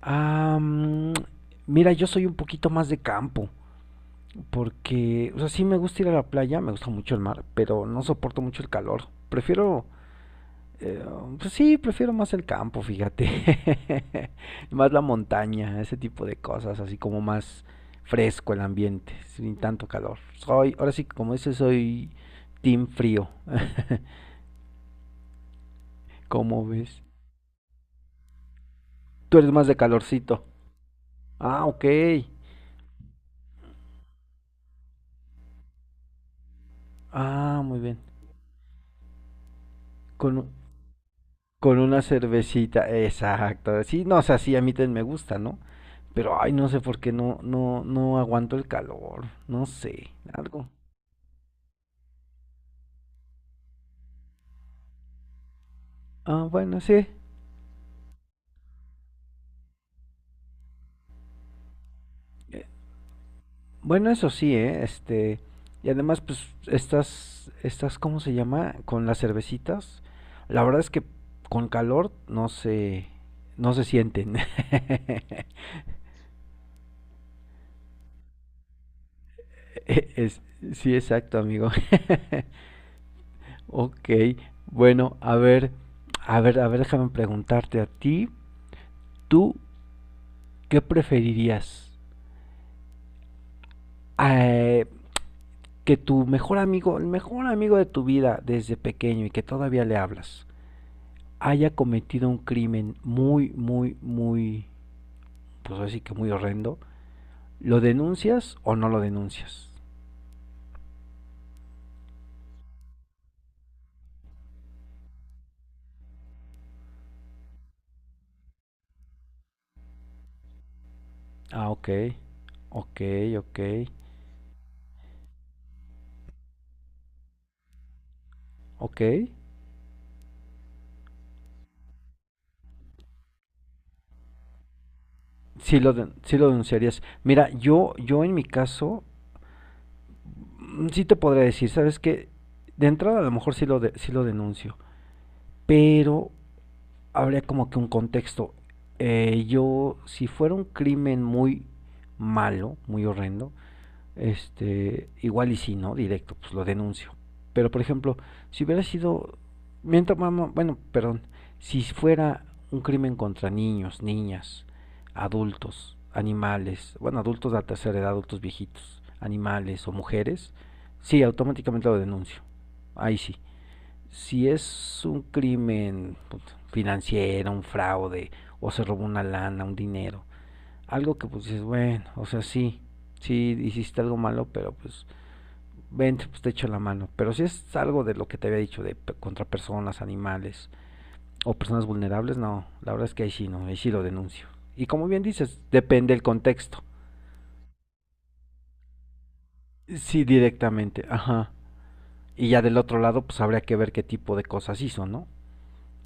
Ah, mm, mira, yo soy un poquito más de campo, porque, o sea, sí me gusta ir a la playa, me gusta mucho el mar, pero no soporto mucho el calor. Prefiero, eh, pues sí, prefiero más el campo, fíjate. Más la montaña, ese tipo de cosas, así como más fresco el ambiente, sin tanto calor. Soy, ahora sí, que como dices, soy team frío, ¿cómo ves? Tú eres más de calorcito. Ah, ok. Ah, muy bien. Con, con una cervecita, exacto. Sí, no, o sea, sí, a mí también me gusta, ¿no? Pero, ay, no sé por qué no aguanto el calor, no sé, algo. Ah, bueno, sí. Eh, Bueno, eso sí, ¿eh? Este, y además, pues, estas, ¿cómo se llama? Con las cervecitas, la verdad es que con calor no se sienten. Es, sí, exacto, amigo. Ok, bueno, a ver, a ver, déjame preguntarte a ti, ¿tú qué preferirías? Eh, que tu mejor amigo, el mejor amigo de tu vida desde pequeño y que todavía le hablas, haya cometido un crimen muy, muy, muy, pues así que muy horrendo, ¿lo denuncias o no lo denuncias? Ah, ok, ok, ok, ok. Sí lo denunciarías. Mira, yo en mi caso, mm, sí te podría decir, ¿sabes qué? De entrada a lo mejor sí lo denuncio, pero habría como que un contexto. Yo, si fuera un crimen muy malo, muy horrendo, este, igual y si no, directo, pues lo denuncio. Pero por ejemplo, si hubiera sido, mientras, bueno, perdón, si fuera un crimen contra niños, niñas, adultos, animales, bueno, adultos de la tercera edad, adultos viejitos, animales o mujeres, sí, automáticamente lo denuncio. Ahí sí. Si es un crimen financiero, un fraude, o se robó una lana, un dinero, algo que pues dices, bueno, o sea, sí, sí hiciste algo malo, pero pues vente, pues te echo la mano. Pero si es algo de lo que te había dicho, de contra personas, animales o personas vulnerables, no, la verdad es que ahí sí no, ahí sí lo denuncio. Y como bien dices, depende el contexto. Sí, directamente, ajá. Y ya del otro lado, pues habría que ver qué tipo de cosas hizo, ¿no?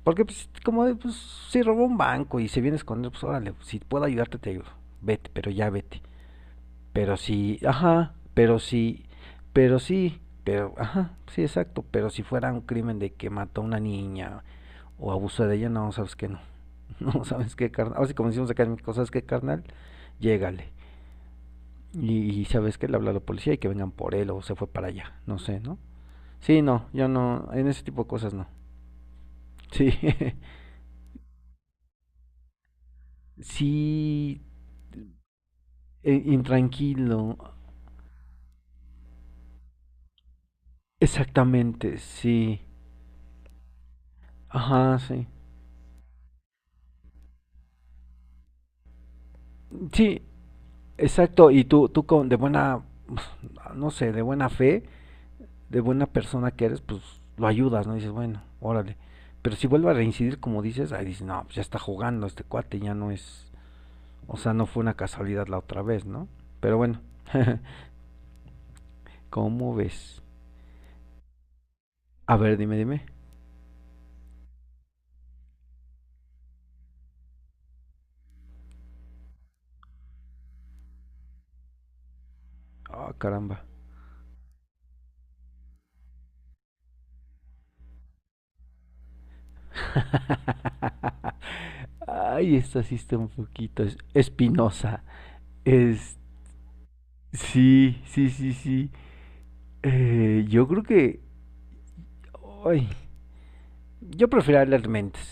Porque pues como de, pues Si robó un banco y se viene a esconder, pues órale, si puedo ayudarte te ayudo. Vete, pero ya vete. Pero si, ajá, pero si, pero sí, pero, ajá, Sí, exacto, pero si fuera un crimen de que mató a una niña o abusó de ella, no, sabes que no, no, sabes qué, carnal, ahora sí como decimos acá en México, sabes qué, carnal, llégale, y sabes que le habla a la policía y que vengan por él o se fue para allá, no sé, ¿no? Sí, no, yo no, en ese tipo de cosas no, sí, sí, intranquilo, exactamente, sí, ajá, sí, sí, Exacto, y tú con, de buena, pues, no sé, de buena fe, de buena persona que eres, pues lo ayudas, ¿no? Dices, bueno, órale. Pero si vuelve a reincidir, como dices, ahí dices, no, pues ya está jugando este cuate, ya no es, o sea, no fue una casualidad la otra vez, ¿no? Pero bueno, ¿cómo ves? A ver, dime. Ah, caramba. Ay, esta sí está un poquito espinosa. Es, sí, sí. Yo creo que, ay, Yo prefiero leer mentes,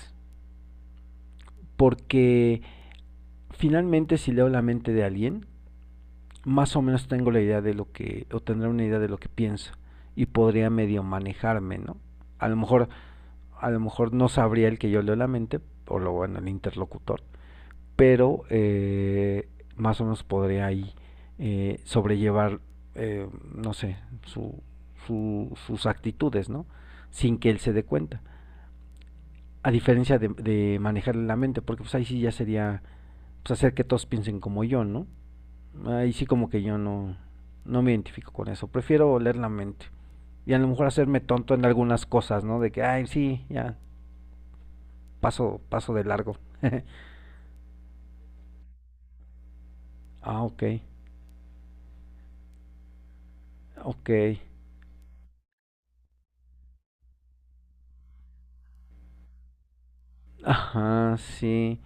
porque finalmente si leo la mente de alguien, más o menos tengo la idea de lo que, o tendré una idea de lo que piensa, y podría medio manejarme, ¿no? A lo mejor, a lo mejor no sabría el que yo leo la mente, o lo bueno, el interlocutor, pero más o menos podría ahí sobrellevar, no sé, su, sus actitudes, ¿no? Sin que él se dé cuenta. A diferencia de manejarle la mente, porque pues ahí sí ya sería pues, hacer que todos piensen como yo, ¿no? Ahí sí como que yo no, no me identifico con eso, prefiero leer la mente. Y a lo mejor hacerme tonto en algunas cosas, ¿no? De que, ay, sí, ya, paso de largo. ah, ok, ok. Ajá, sí,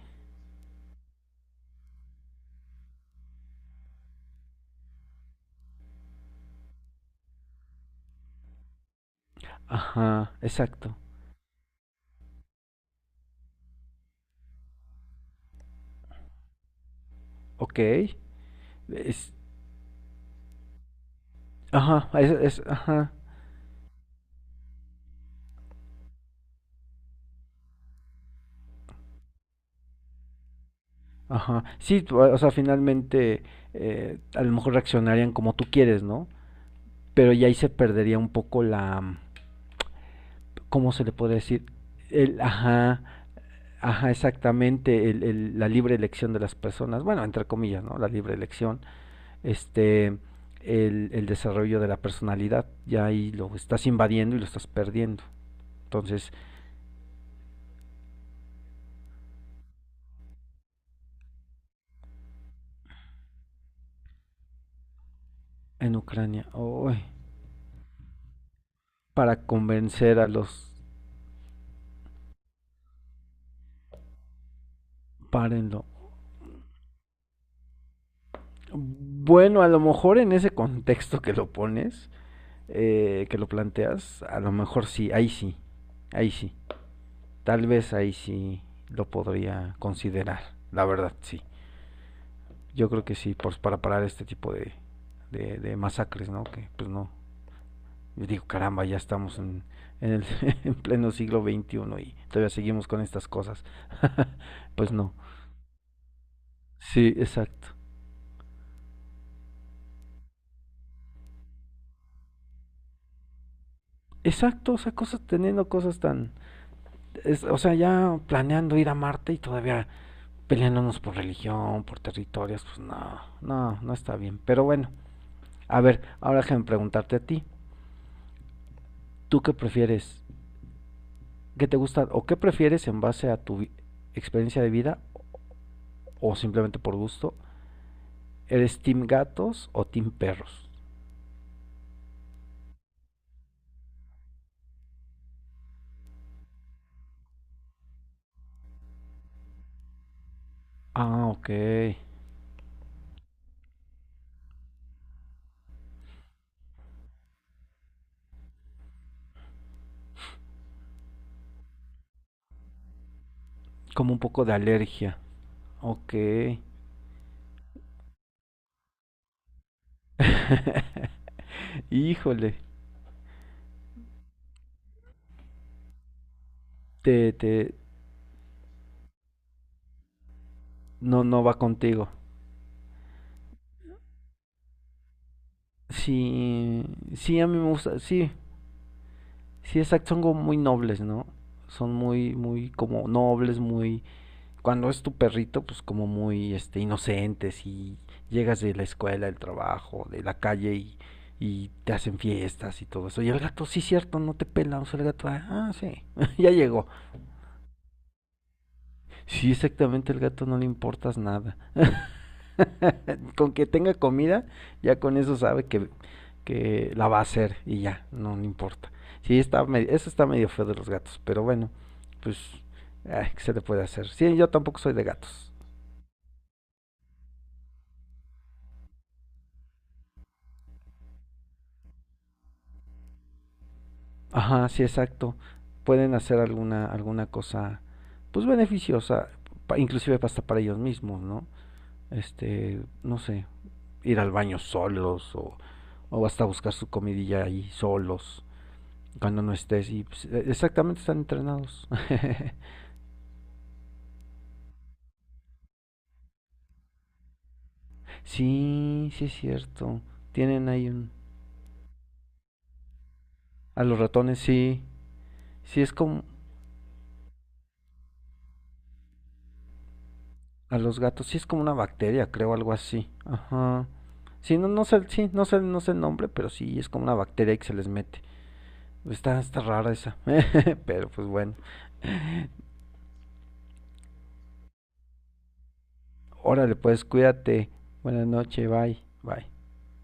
ajá, exacto. Ok, es, ajá, es, es- ajá, ajá. Sí, tú, o sea, finalmente a lo mejor reaccionarían como tú quieres, ¿no? Pero ya ahí se perdería un poco la, ¿cómo se le podría decir? El, ajá, ajá, exactamente, la libre elección de las personas, bueno, entre comillas, ¿no? La libre elección, este, el desarrollo de la personalidad, ya ahí lo estás invadiendo y lo estás perdiendo. Entonces, en Ucrania, uy, para convencer a los, párenlo. Bueno, a lo mejor en ese contexto que lo pones, que lo planteas, a lo mejor sí, ahí sí, ahí sí. Tal vez ahí sí lo podría considerar, la verdad sí. Yo creo que sí, pues para parar este tipo de masacres, ¿no? Que pues no, yo digo, caramba, ya estamos en, en, el, en pleno siglo XXI y todavía seguimos con estas cosas. pues no, sí, exacto. Exacto, o sea, teniendo cosas tan... o sea, ya planeando ir a Marte y todavía peleándonos por religión, por territorios, pues no, no está bien. Pero bueno, a ver, ahora déjame preguntarte a ti. ¿Tú qué prefieres? ¿Qué te gusta o qué prefieres en base a tu experiencia de vida o simplemente por gusto? ¿Eres team gatos o team perros? Ah, ok. Como un poco de alergia. Ok. Híjole. Te, te, no, no va contigo. Sí, sí, a mí me gusta, sí, sí, exacto, son como muy nobles, ¿no? Son muy, muy como nobles, muy cuando es tu perrito, pues como muy este inocente, si llegas de la escuela, del trabajo, de la calle y te hacen fiestas y todo eso. Y el gato, sí, cierto, no te pela. O sea, el gato, ah, sí, ya llegó. Sí, exactamente, el gato no le importas nada. con que tenga comida, ya con eso sabe que la va a hacer y ya, no le importa. Sí, está medio, eso está medio feo de los gatos, pero bueno, pues, ay, ¿qué se le puede hacer? Sí, yo tampoco soy de gatos. Ajá, sí, exacto. Pueden hacer alguna cosa, pues beneficiosa, inclusive hasta para ellos mismos, ¿no? Este, no sé, ir al baño solos o hasta buscar su comidilla ahí solos cuando no estés y pues, exactamente están entrenados. Sí, sí es cierto. Tienen ahí un... A los ratones, sí. Sí es como... A los gatos, sí es como una bacteria, creo, algo así. Ajá. Sí, no, no sé, sí, no sé, no sé el nombre, pero sí es como una bacteria que se les mete. Está rara esa. Pero pues bueno. Órale, pues cuídate. Buenas noches, bye, bye.